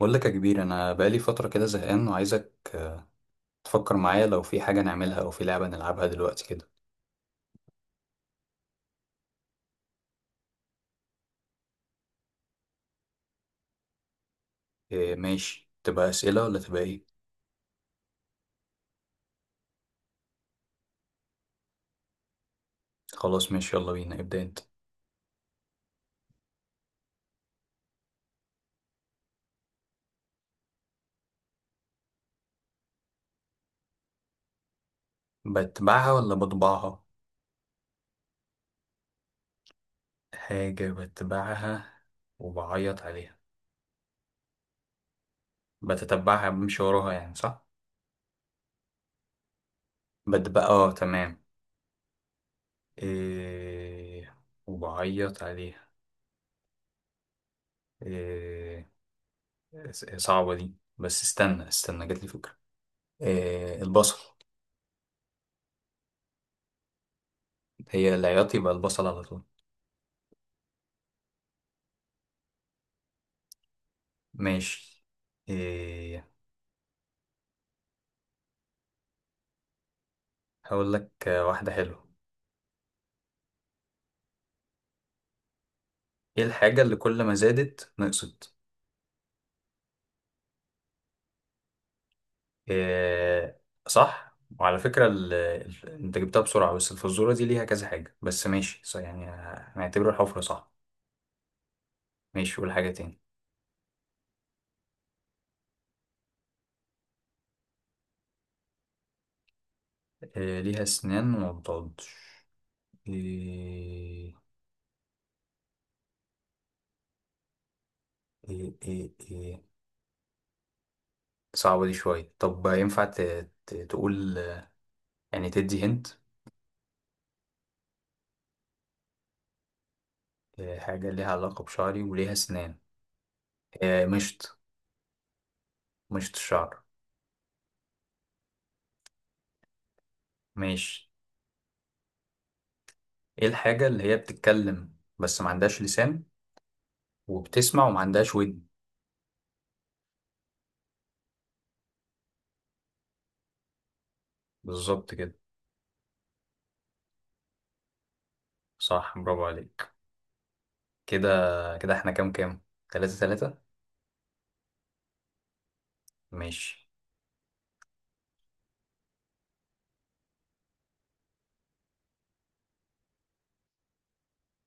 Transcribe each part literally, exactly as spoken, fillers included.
بقول لك يا كبير، انا بقالي فتره كده زهقان وعايزك آه، تفكر معايا لو في حاجه نعملها او في لعبه نلعبها دلوقتي كده. إيه، ماشي، تبقى اسئله ولا تبقى ايه؟ خلاص ماشي، يلا بينا، ابدا انت. بتبعها ولا بطبعها؟ حاجه بتبعها وبعيط عليها. بتتبعها، بمشي وراها يعني صح. بتبقى اه، تمام. إيه، وبعيط عليها. إيه، س- صعبه دي، بس استنى استنى، جاتلي فكره. إيه، البصل. هي العياط يبقى البصل على طول. ماشي. إيه، هقول لك آه، واحدة حلوة. ايه الحاجة اللي كل ما زادت نقصت؟ إيه، صح، وعلى فكرة ال... ال- انت جبتها بسرعة، بس الفزورة دي ليها كذا حاجة، بس ماشي صح يعني. هنعتبره الحفرة صح. ماشي، قول حاجة تاني. إيه، ليها اسنان وما بتعضش؟ إيه إيه إيه. إيه، صعبة دي شوية، طب ينفع ت... ت... تقول آه، يعني تدي هنت. إيه، حاجة ليها علاقة بشعري وليها اسنان. إيه، مشط. مشط الشعر. ماشي. ايه الحاجة اللي هي بتتكلم بس ما عندهاش لسان، وبتسمع وما عندهاش ودن؟ بالظبط كده. صح، برافو عليك. كده. كده احنا كام كام؟ تلاتة تلاتة. ماشي.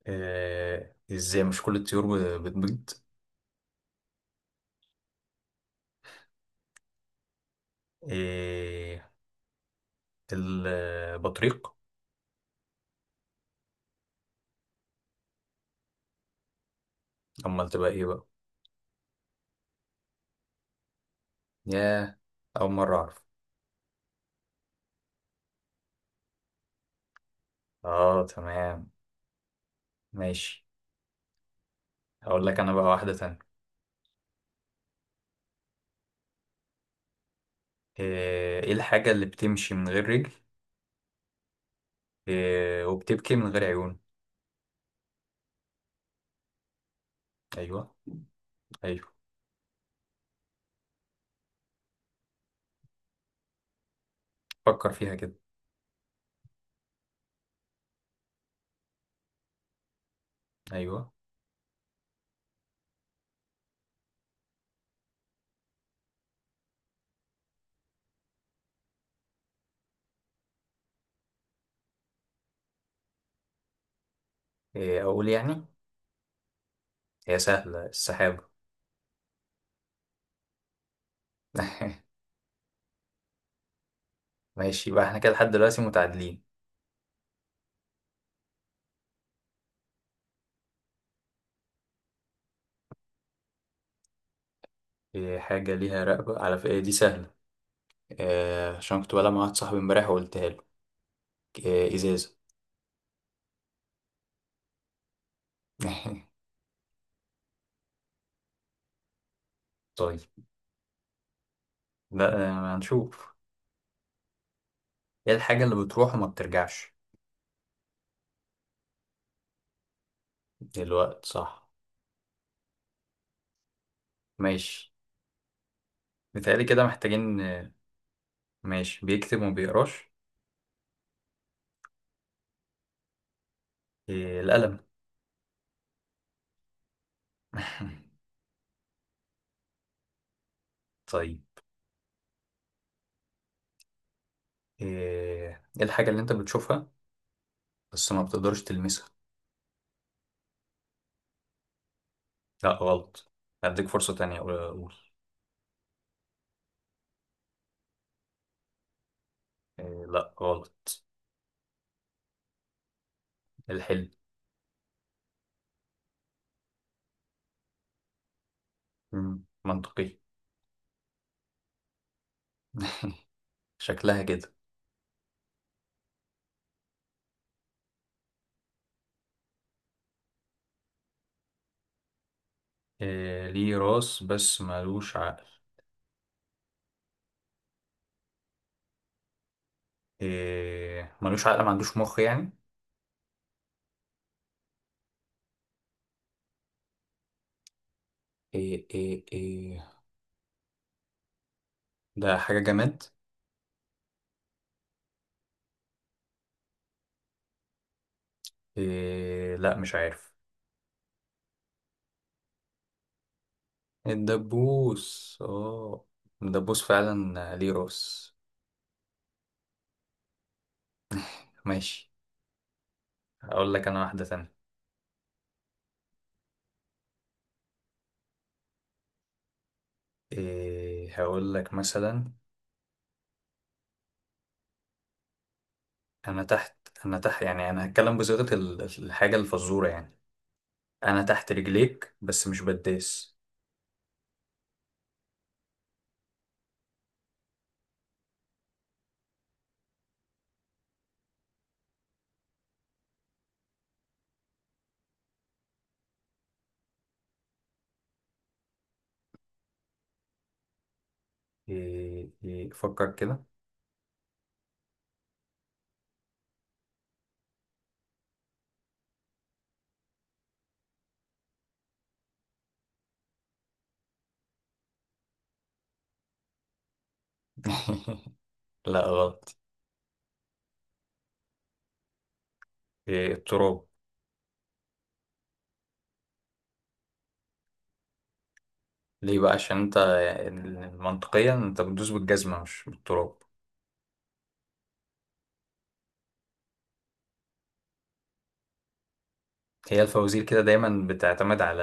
اه، ازاي؟ مش كل الطيور ب- بتبيض؟ ايه، البطريق. امال تبقى ايه بقى؟ ياه، اول مرة اعرف. اه تمام، ماشي. هقول لك انا بقى واحدة تانية. ايه إيه الحاجة اللي بتمشي من غير رجل؟ إيه، وبتبكي من غير عيون. ايوه. أيوه. فكر فيها كده. ايوه. إيه اقول يعني. هي سهله، السحابه. ماشي، يبقى احنا كده لحد دلوقتي متعادلين. إيه، حاجه ليها رقبه، على فكره دي سهله. إيه، عشان كنت بلعب مع واحد صاحبي امبارح وقلتها له. إيه، ازازه. طيب. لا آه، هنشوف. ايه الحاجه اللي بتروح وما بترجعش؟ الوقت، صح. ماشي. متهيألي كده محتاجين آه، ماشي، بيكتب وما بيقراش. إيه، القلم. طيب. إيه إيه الحاجه اللي انت بتشوفها بس ما بتقدرش تلمسها؟ لا، غلط. هديك فرصة تانية، قول قول. إيه، لا غلط. الحلم. مم. منطقي. شكلها كده. إيه، ليه راس بس ملوش عقل؟ إيه، ملوش عقل، ما عندوش مخ يعني. إيه إيه إيه. ده حاجة جماد. إيه لا، مش عارف. الدبوس، اه. الدبوس فعلا ليه راس. ماشي، هقول لك انا واحدة تانية. إيه، هقول لك مثلا. انا تحت. انا تحت، يعني انا هتكلم بصيغة ال- الحاجة الفزورة يعني. انا تحت رجليك بس مش بداس. إيه إيه، فكر كده. لا، غلط. إيه، التراب. ليه بقى؟ عشان انت منطقيا انت بتدوس بالجزمة مش بالتراب. هي الفوازير كده دايما بتعتمد على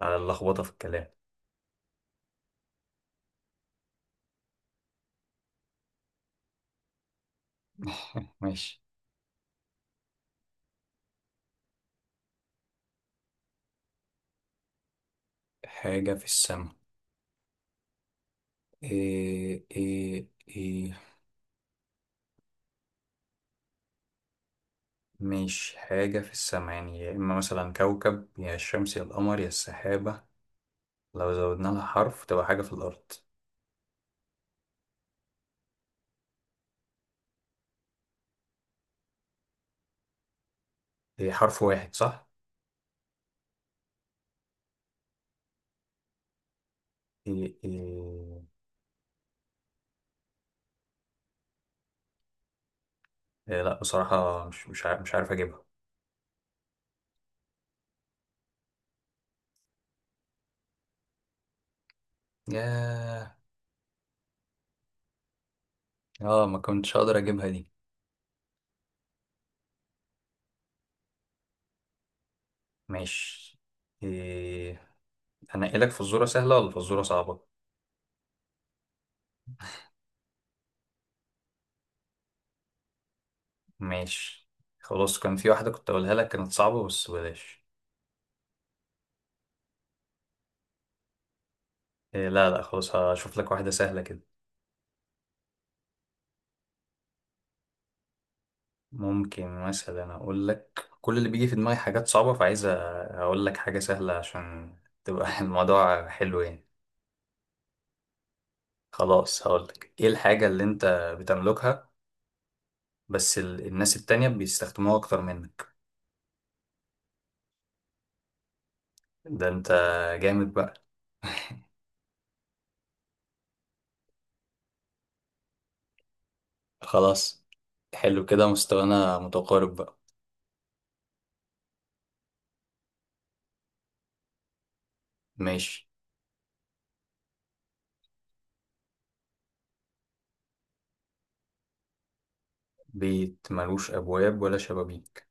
على اللخبطة في الكلام. ماشي. حاجة في السماء. إيه إيه إيه. مش حاجة في السماء يعني، يا إما مثلا كوكب، يا الشمس، يا القمر، يا السحابة. لو زودنا لها حرف تبقى حاجة في الأرض. إيه، حرف واحد صح؟ إيه إيه إيه. لا بصراحة، مش مش عارف، مش عارف اجيبها. ياه، اه، ما كنتش اقدر اجيبها دي. ماشي. إيه، هنقلك فزورة سهلة ولا فزورة صعبة؟ ماشي. خلاص، كان في واحدة كنت اقولها لك كانت صعبة بس بلاش. إيه لا لا، خلاص هشوف لك واحدة سهلة كده. ممكن مثلا اقول لك كل اللي بيجي في دماغي حاجات صعبة، فعايز أ- اقول لك حاجة سهلة عشان تبقى الموضوع حلو يعني. خلاص، هقول لك ايه الحاجة اللي انت بتملكها بس ال- الناس التانية بيستخدموها اكتر منك؟ ده انت، جامد بقى. خلاص. حلو كده، مستوانا متقارب بقى. ماشي. بيت ملوش ابواب ولا شبابيك.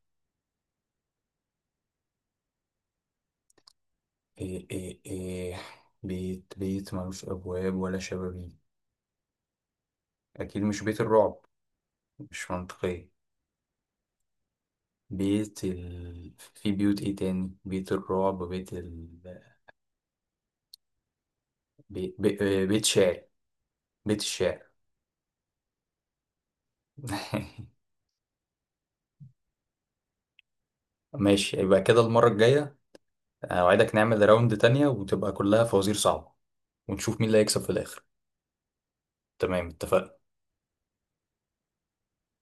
ايه ايه ايه. بيت بيت ملوش ابواب ولا شبابيك. اكيد مش بيت الرعب، مش منطقية. بيت ال... في بيوت ايه تاني؟ بيت الرعب، بيت ال... بي... بي... بيت شعر. بيت الشعر. ماشي، يبقى كده المرة الجاية اوعدك نعمل راوند تانية وتبقى كلها فوازير صعبة، ونشوف مين اللي هيكسب في الاخر. تمام، اتفقنا.